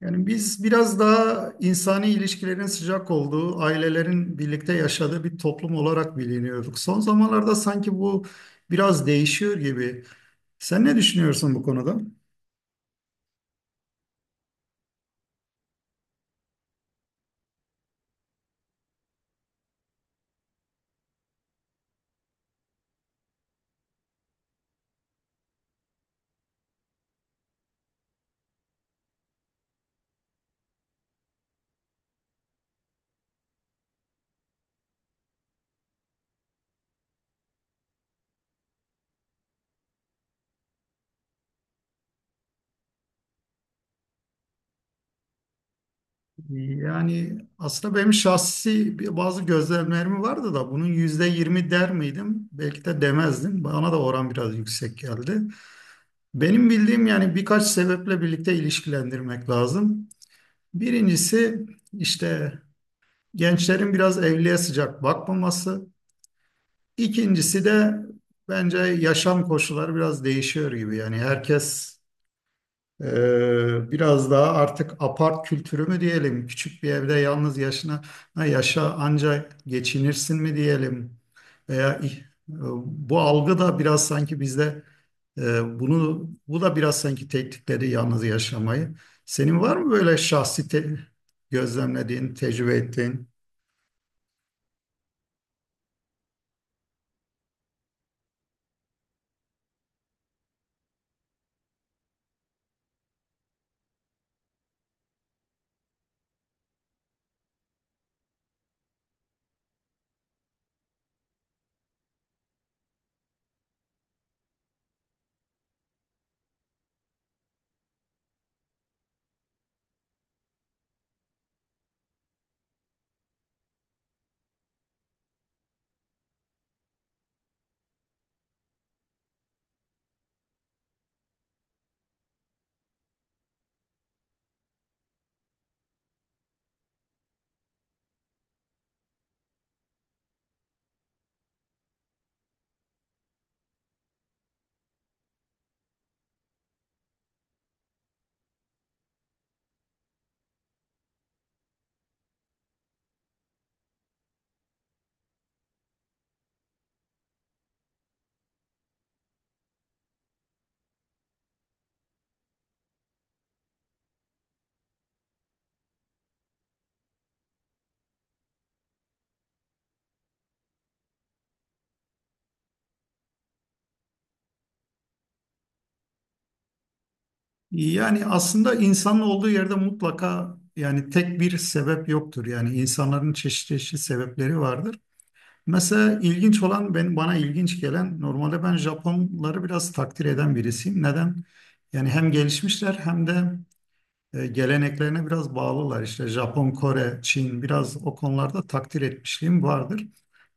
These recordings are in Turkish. Yani biz biraz daha insani ilişkilerin sıcak olduğu, ailelerin birlikte yaşadığı bir toplum olarak biliniyorduk. Son zamanlarda sanki bu biraz değişiyor gibi. Sen ne düşünüyorsun bu konuda? Yani aslında benim şahsi bazı gözlemlerim vardı da bunun %20 der miydim? Belki de demezdim. Bana da oran biraz yüksek geldi. Benim bildiğim yani birkaç sebeple birlikte ilişkilendirmek lazım. Birincisi işte gençlerin biraz evliliğe sıcak bakmaması. İkincisi de bence yaşam koşulları biraz değişiyor gibi. Yani herkes biraz daha artık apart kültürü mü diyelim, küçük bir evde yalnız yaşa ancak geçinirsin mi diyelim. Veya bu algı da biraz sanki bizde e, bunu bu da biraz sanki tetikledi yalnız yaşamayı. Senin var mı böyle şahsi gözlemlediğin, tecrübe ettiğin? Yani aslında insanın olduğu yerde mutlaka yani tek bir sebep yoktur. Yani insanların çeşitli çeşitli sebepleri vardır. Mesela ilginç olan ben bana ilginç gelen normalde ben Japonları biraz takdir eden birisiyim. Neden? Yani hem gelişmişler hem de geleneklerine biraz bağlılar. İşte Japon, Kore, Çin biraz o konularda takdir etmişliğim vardır.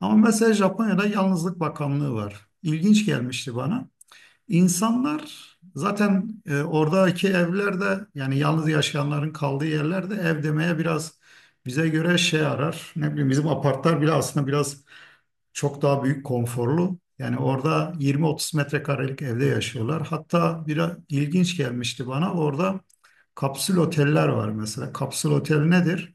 Ama mesela Japonya'da Yalnızlık Bakanlığı var. İlginç gelmişti bana. İnsanlar zaten oradaki evlerde yani yalnız yaşayanların kaldığı yerlerde ev demeye biraz bize göre şey arar. Ne bileyim bizim apartlar bile aslında biraz çok daha büyük konforlu. Yani orada 20-30 metrekarelik evde yaşıyorlar. Hatta bir ilginç gelmişti bana orada kapsül oteller var mesela. Kapsül otel nedir?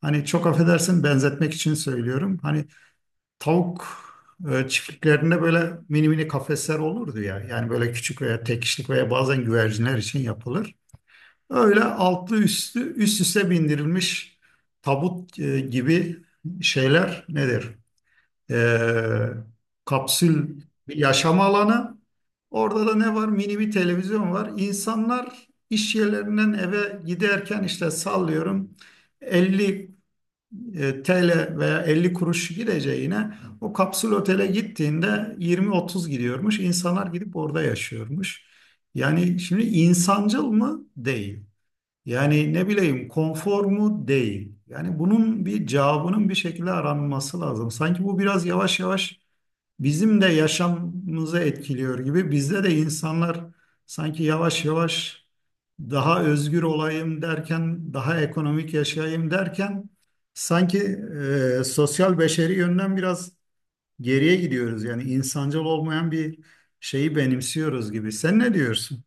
Hani çok affedersin benzetmek için söylüyorum. Hani tavuk çiftliklerinde böyle mini mini kafesler olurdu ya. Yani böyle küçük veya tek kişilik veya bazen güvercinler için yapılır. Öyle altlı üstü üst üste bindirilmiş tabut gibi şeyler nedir? E, Kapsül bir yaşam alanı. Orada da ne var? Mini bir televizyon var. İnsanlar iş yerlerinden eve giderken işte sallıyorum 50 TL veya 50 kuruş gideceğine o kapsül otele gittiğinde 20-30 gidiyormuş. İnsanlar gidip orada yaşıyormuş. Yani şimdi insancıl mı? Değil. Yani ne bileyim konfor mu? Değil. Yani bunun bir cevabının bir şekilde aranması lazım. Sanki bu biraz yavaş yavaş bizim de yaşamımızı etkiliyor gibi. Bizde de insanlar sanki yavaş yavaş daha özgür olayım derken, daha ekonomik yaşayayım derken sanki sosyal beşeri yönden biraz geriye gidiyoruz. Yani insancıl olmayan bir şeyi benimsiyoruz gibi. Sen ne diyorsun?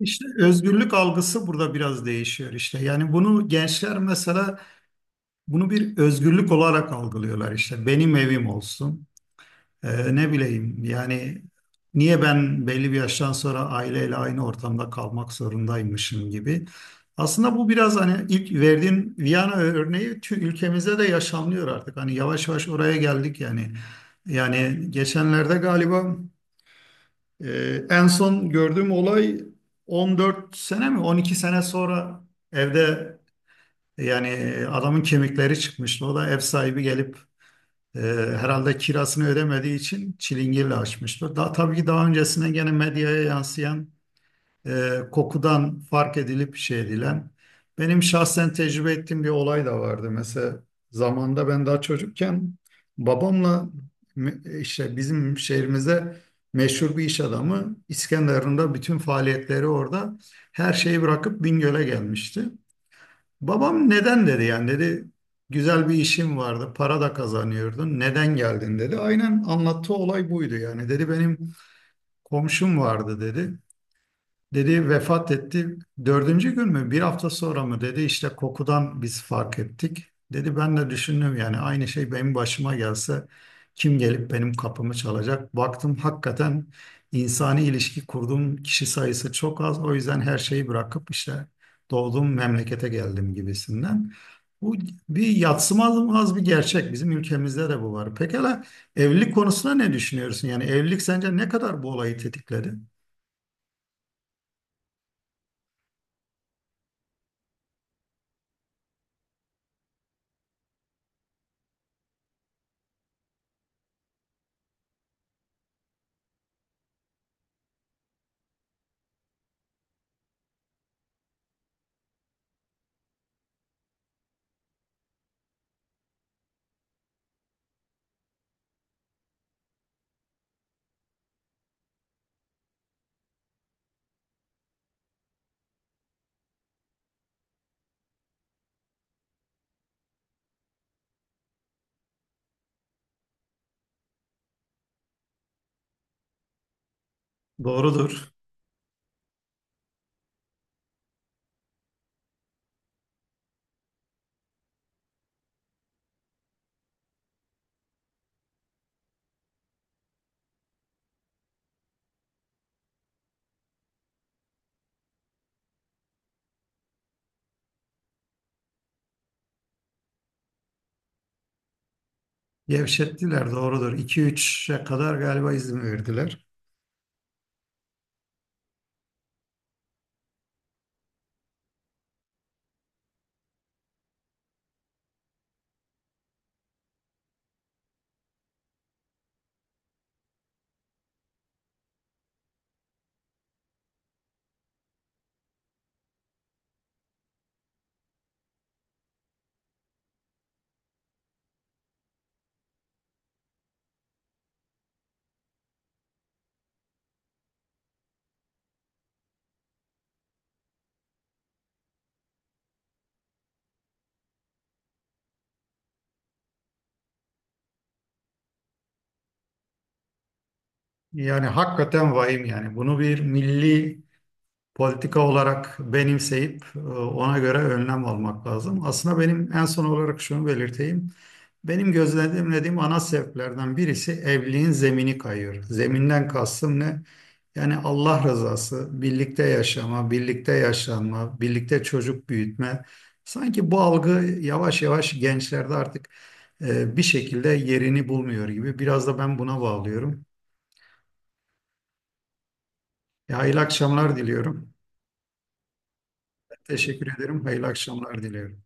İşte özgürlük algısı burada biraz değişiyor işte. Yani bunu gençler mesela bunu bir özgürlük olarak algılıyorlar işte. Benim evim olsun. Ne bileyim yani niye ben belli bir yaştan sonra aileyle aynı ortamda kalmak zorundaymışım gibi. Aslında bu biraz hani ilk verdiğin Viyana örneği ülkemizde de yaşanıyor artık. Hani yavaş yavaş oraya geldik yani. Yani geçenlerde galiba en son gördüğüm olay 14 sene mi 12 sene sonra evde yani adamın kemikleri çıkmıştı. O da ev sahibi gelip ee, herhalde kirasını ödemediği için çilingirle açmıştır. Daha tabii ki daha öncesinde gene medyaya yansıyan kokudan fark edilip şey edilen. Benim şahsen tecrübe ettiğim bir olay da vardı. Mesela zamanda ben daha çocukken babamla işte bizim şehrimize meşhur bir iş adamı İskenderun'da bütün faaliyetleri orada her şeyi bırakıp Bingöl'e gelmişti. Babam neden dedi yani dedi güzel bir işim vardı para da kazanıyordun neden geldin dedi. Aynen anlattığı olay buydu yani dedi benim komşum vardı dedi. Dedi vefat etti. Dördüncü gün mü? Bir hafta sonra mı? Dedi işte kokudan biz fark ettik. Dedi ben de düşündüm yani aynı şey benim başıma gelse kim gelip benim kapımı çalacak? Baktım hakikaten insani ilişki kurduğum kişi sayısı çok az. O yüzden her şeyi bırakıp işte doğduğum memlekete geldim gibisinden. Bu bir yadsınamaz bir gerçek. Bizim ülkemizde de bu var. Pekala evlilik konusunda ne düşünüyorsun? Yani evlilik sence ne kadar bu olayı tetikledi? Doğrudur. Gevşettiler doğrudur. 2-3'e kadar galiba izin verdiler. Yani hakikaten vahim yani. Bunu bir milli politika olarak benimseyip ona göre önlem almak lazım. Aslında benim en son olarak şunu belirteyim. Benim gözlemlediğim ana sebeplerden birisi evliliğin zemini kayıyor. Zeminden kastım ne? Yani Allah rızası, birlikte yaşama, birlikte yaşanma, birlikte çocuk büyütme. Sanki bu algı yavaş yavaş gençlerde artık bir şekilde yerini bulmuyor gibi. Biraz da ben buna bağlıyorum. Hayırlı akşamlar diliyorum. Teşekkür ederim. Hayırlı akşamlar diliyorum.